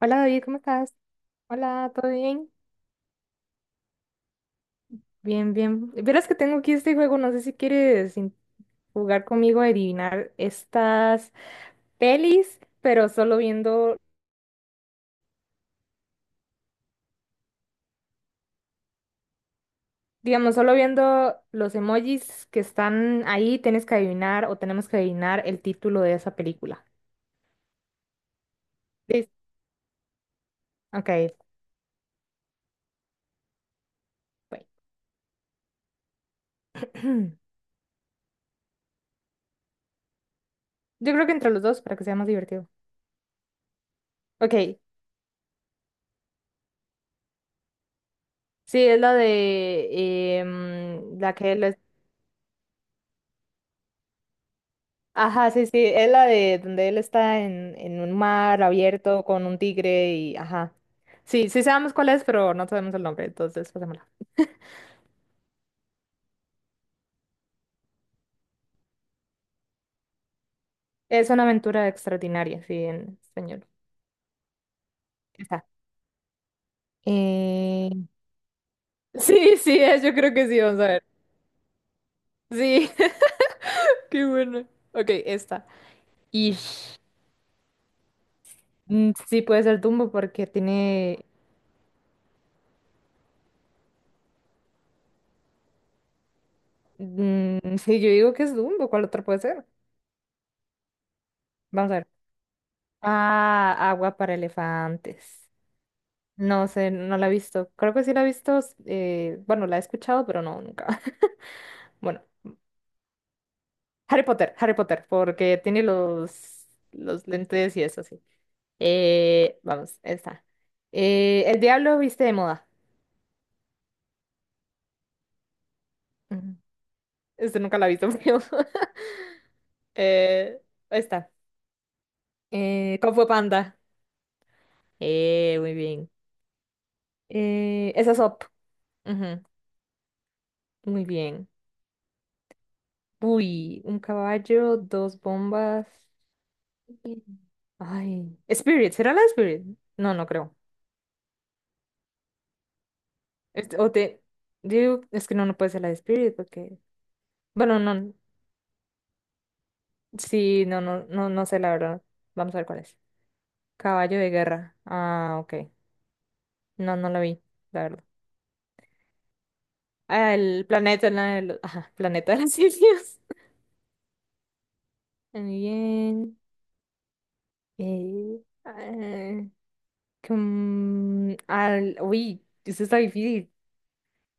Hola David, ¿cómo estás? Hola, ¿todo bien? Bien, bien. Verás que tengo aquí este juego, no sé si quieres in- jugar conmigo a adivinar estas pelis, pero solo viendo, digamos, solo viendo los emojis que están ahí, tienes que adivinar o tenemos que adivinar el título de esa película. Listo. Ok, bueno. Yo creo que entre los dos para que sea más divertido. Ok, sí, es la de la que él. Ajá, sí, sí, es la de donde él está en un mar abierto con un tigre y ajá. Sí, sí sabemos cuál es, pero no sabemos el nombre, entonces pasémosla. Es una aventura extraordinaria, sí, en español. Está. Eh, Sí, sí, es, yo creo que sí, vamos a ver. Sí, qué bueno. Ok, esta. Y sí puede ser Dumbo porque tiene... sí, yo digo que es Dumbo, ¿cuál otra puede ser? Vamos a ver. Ah, agua para elefantes. No sé, no la he visto. Creo que sí la he visto, bueno, la he escuchado, pero no, nunca. Bueno, Harry Potter, Harry Potter, porque tiene los lentes y eso, sí. Vamos, esta. El diablo viste de moda. Ujú. Este nunca la he visto, pero... eh, esta. Kung Fu Panda. Muy bien. Esa es Up. Ujú, muy bien. Uy, un caballo, dos bombas. Sí. Ay, Spirit, ¿será la de Spirit? No, no creo. Este, o te digo, es que no, no puede ser la de Spirit porque, bueno, no, sí, no, no, no, no sé la verdad. Vamos a ver cuál es. Caballo de guerra. Ah, ok. No, no la vi, la verdad. Ah, el planeta, la de los, ajá, planeta de las simios. Muy bien. Eh, ah, com- al, uy, eso está difícil.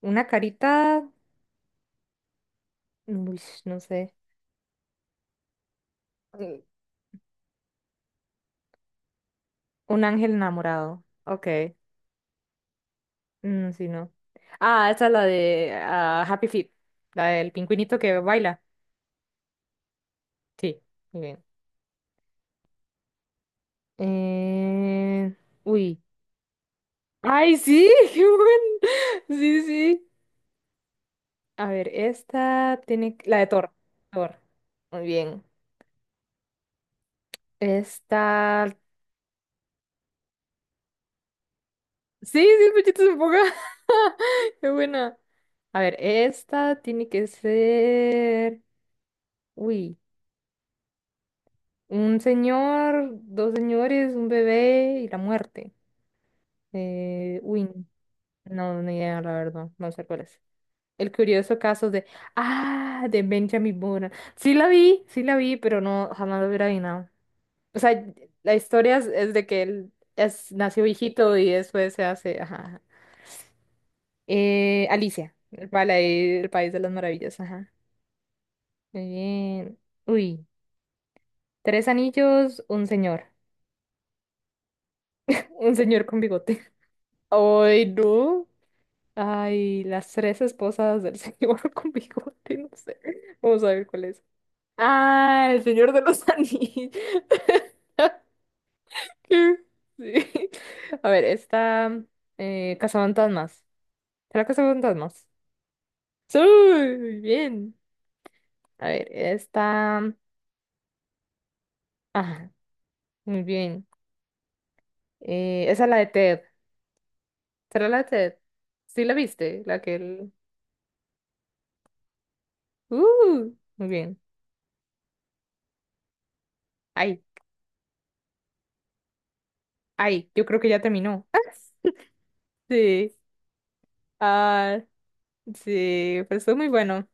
Una carita, uy, no sé. Un ángel enamorado. Ok. Sí, no. Ah, esta es la de Happy Feet. La del pingüinito que baila. Sí, muy bien. Eh, Uy. ¡Ay, sí! ¡Qué buen! Sí, sí. A ver, esta tiene... que- La de Thor. Thor. Muy bien. Esta... Sí, sí, pechito se ponga. ¡Qué buena! A ver, esta tiene que ser... Uy. Un señor, dos señores, un bebé y la muerte. Uy, no, ni idea, la verdad. No sé cuál es. El curioso caso de... Ah, de Benjamin Button. Sí la vi, pero no, jamás lo hubiera adivinado. O sea, la historia es de que él es, nació viejito y después se hace... Ajá, ajá. Alicia, el, pala- el país de las maravillas. Ajá. Muy bien. Uy, tres anillos, un señor. Un señor con bigote. Ay, no. Ay, las tres esposas del señor con bigote, no sé. Vamos a ver cuál es. Ah, el señor de los anillos. Sí. A ver, está Cazafantasmas. ¿Será Cazafantasmas? Sí, muy bien. A ver, esta ajá, muy bien. Esa es la de Ted. ¿Será la de Ted? ¿Sí la viste? La que él. Muy bien. Ay, ay, yo creo que ya terminó. Sí. Ah, sí, pues estuvo muy bueno.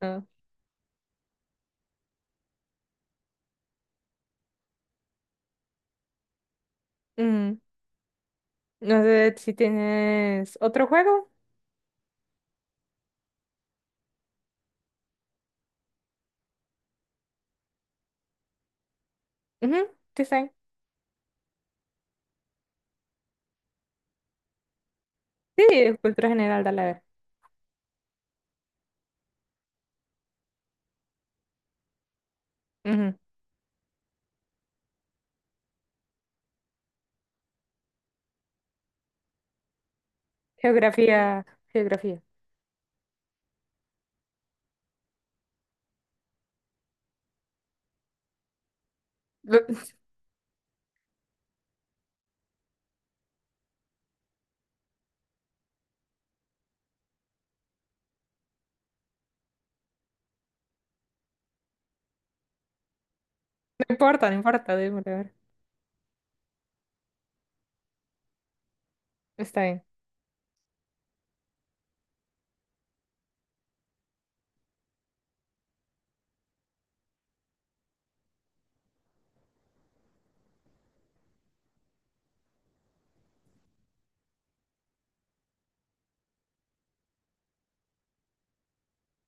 Ah, mm, no sé si tienes otro juego. Ujú, design. Sí, cultura general, dale a ver. Ujú. Geografía, geografía. Lo- No importa, no importa, démosle, a ver. Está bien.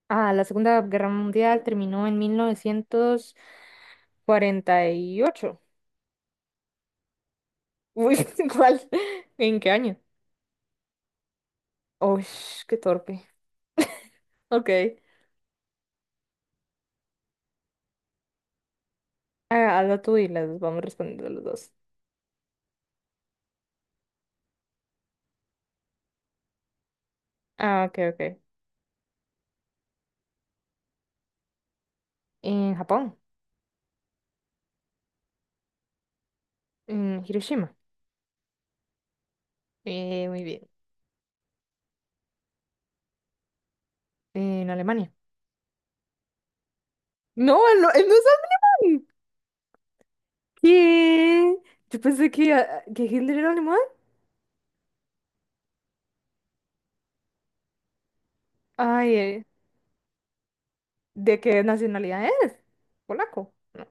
Ah, la Segunda Guerra Mundial terminó en 1948. Uy, ¿cuál? ¿En qué año? Uy, qué torpe. Ok. Ah, hazlo tú y las vamos respondiendo los dos. Ah, ok, ok. En Japón. En Hiroshima. Muy bien. En Alemania. No, él no, él no es alemán. ¿Qué? Yo pensé que, ah, que Hitler era alemán. Ay, ¿de qué nacionalidad es? Polaco. No.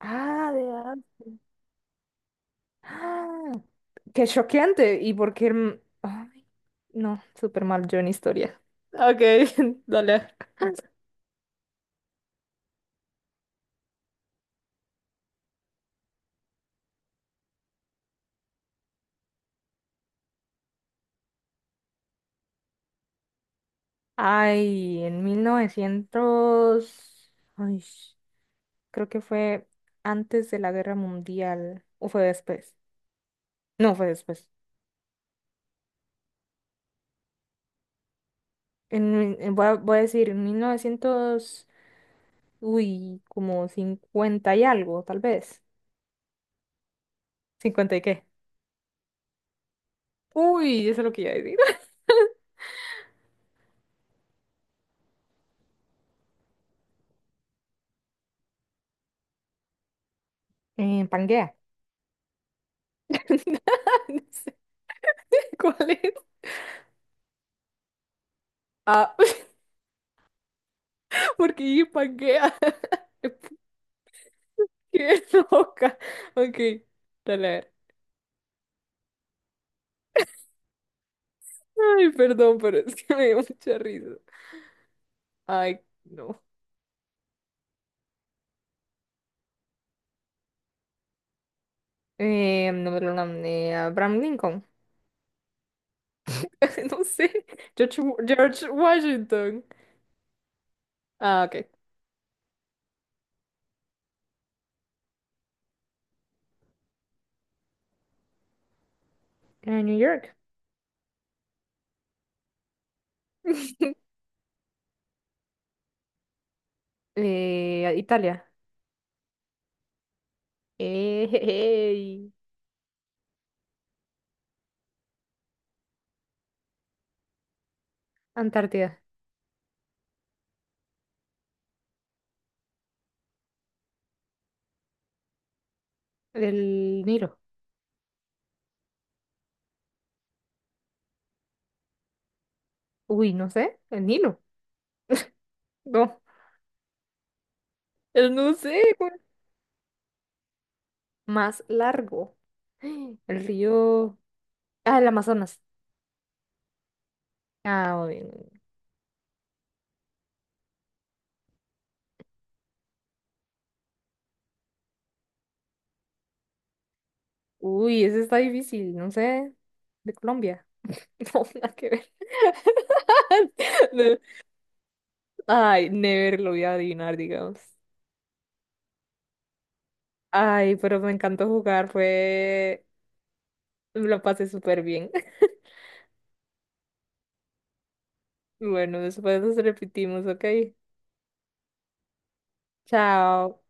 Ah, de Austria. Ah, qué choqueante. ¿Y por qué? El- Ay, no, súper mal yo en historia. Ok, dale. Ay, en 1900, ay, creo que fue antes de la Guerra Mundial o fue después. No, fue después. Voy a, voy a decir, en 1900 uy, como 50 y algo, tal vez. ¿Cincuenta y qué? Uy, eso es lo que iba a decir. En Pangea. No sé cuál es. Ah, porque dije Pangea. Qué loca. Ok, dale a ver. Ay, perdón, pero es que me dio mucha risa. Ay, no. No me lo nombré. Abraham Lincoln. No sé. George, George Washington. Ah, ok. En New York. Italia. Ey, Antártida. El Nilo. Uy, no sé. El Nilo. No. El no sé, güey. Más largo. El río. Ah, el Amazonas. Ah, muy bien, muy bien. Uy, ese está difícil. No sé. De Colombia. No, nada que ver. No. Ay, never lo voy a adivinar, digamos. Ay, pero me encantó jugar. Fue. Lo pasé súper bien. Bueno, después nos repetimos, ¿ok? Chao.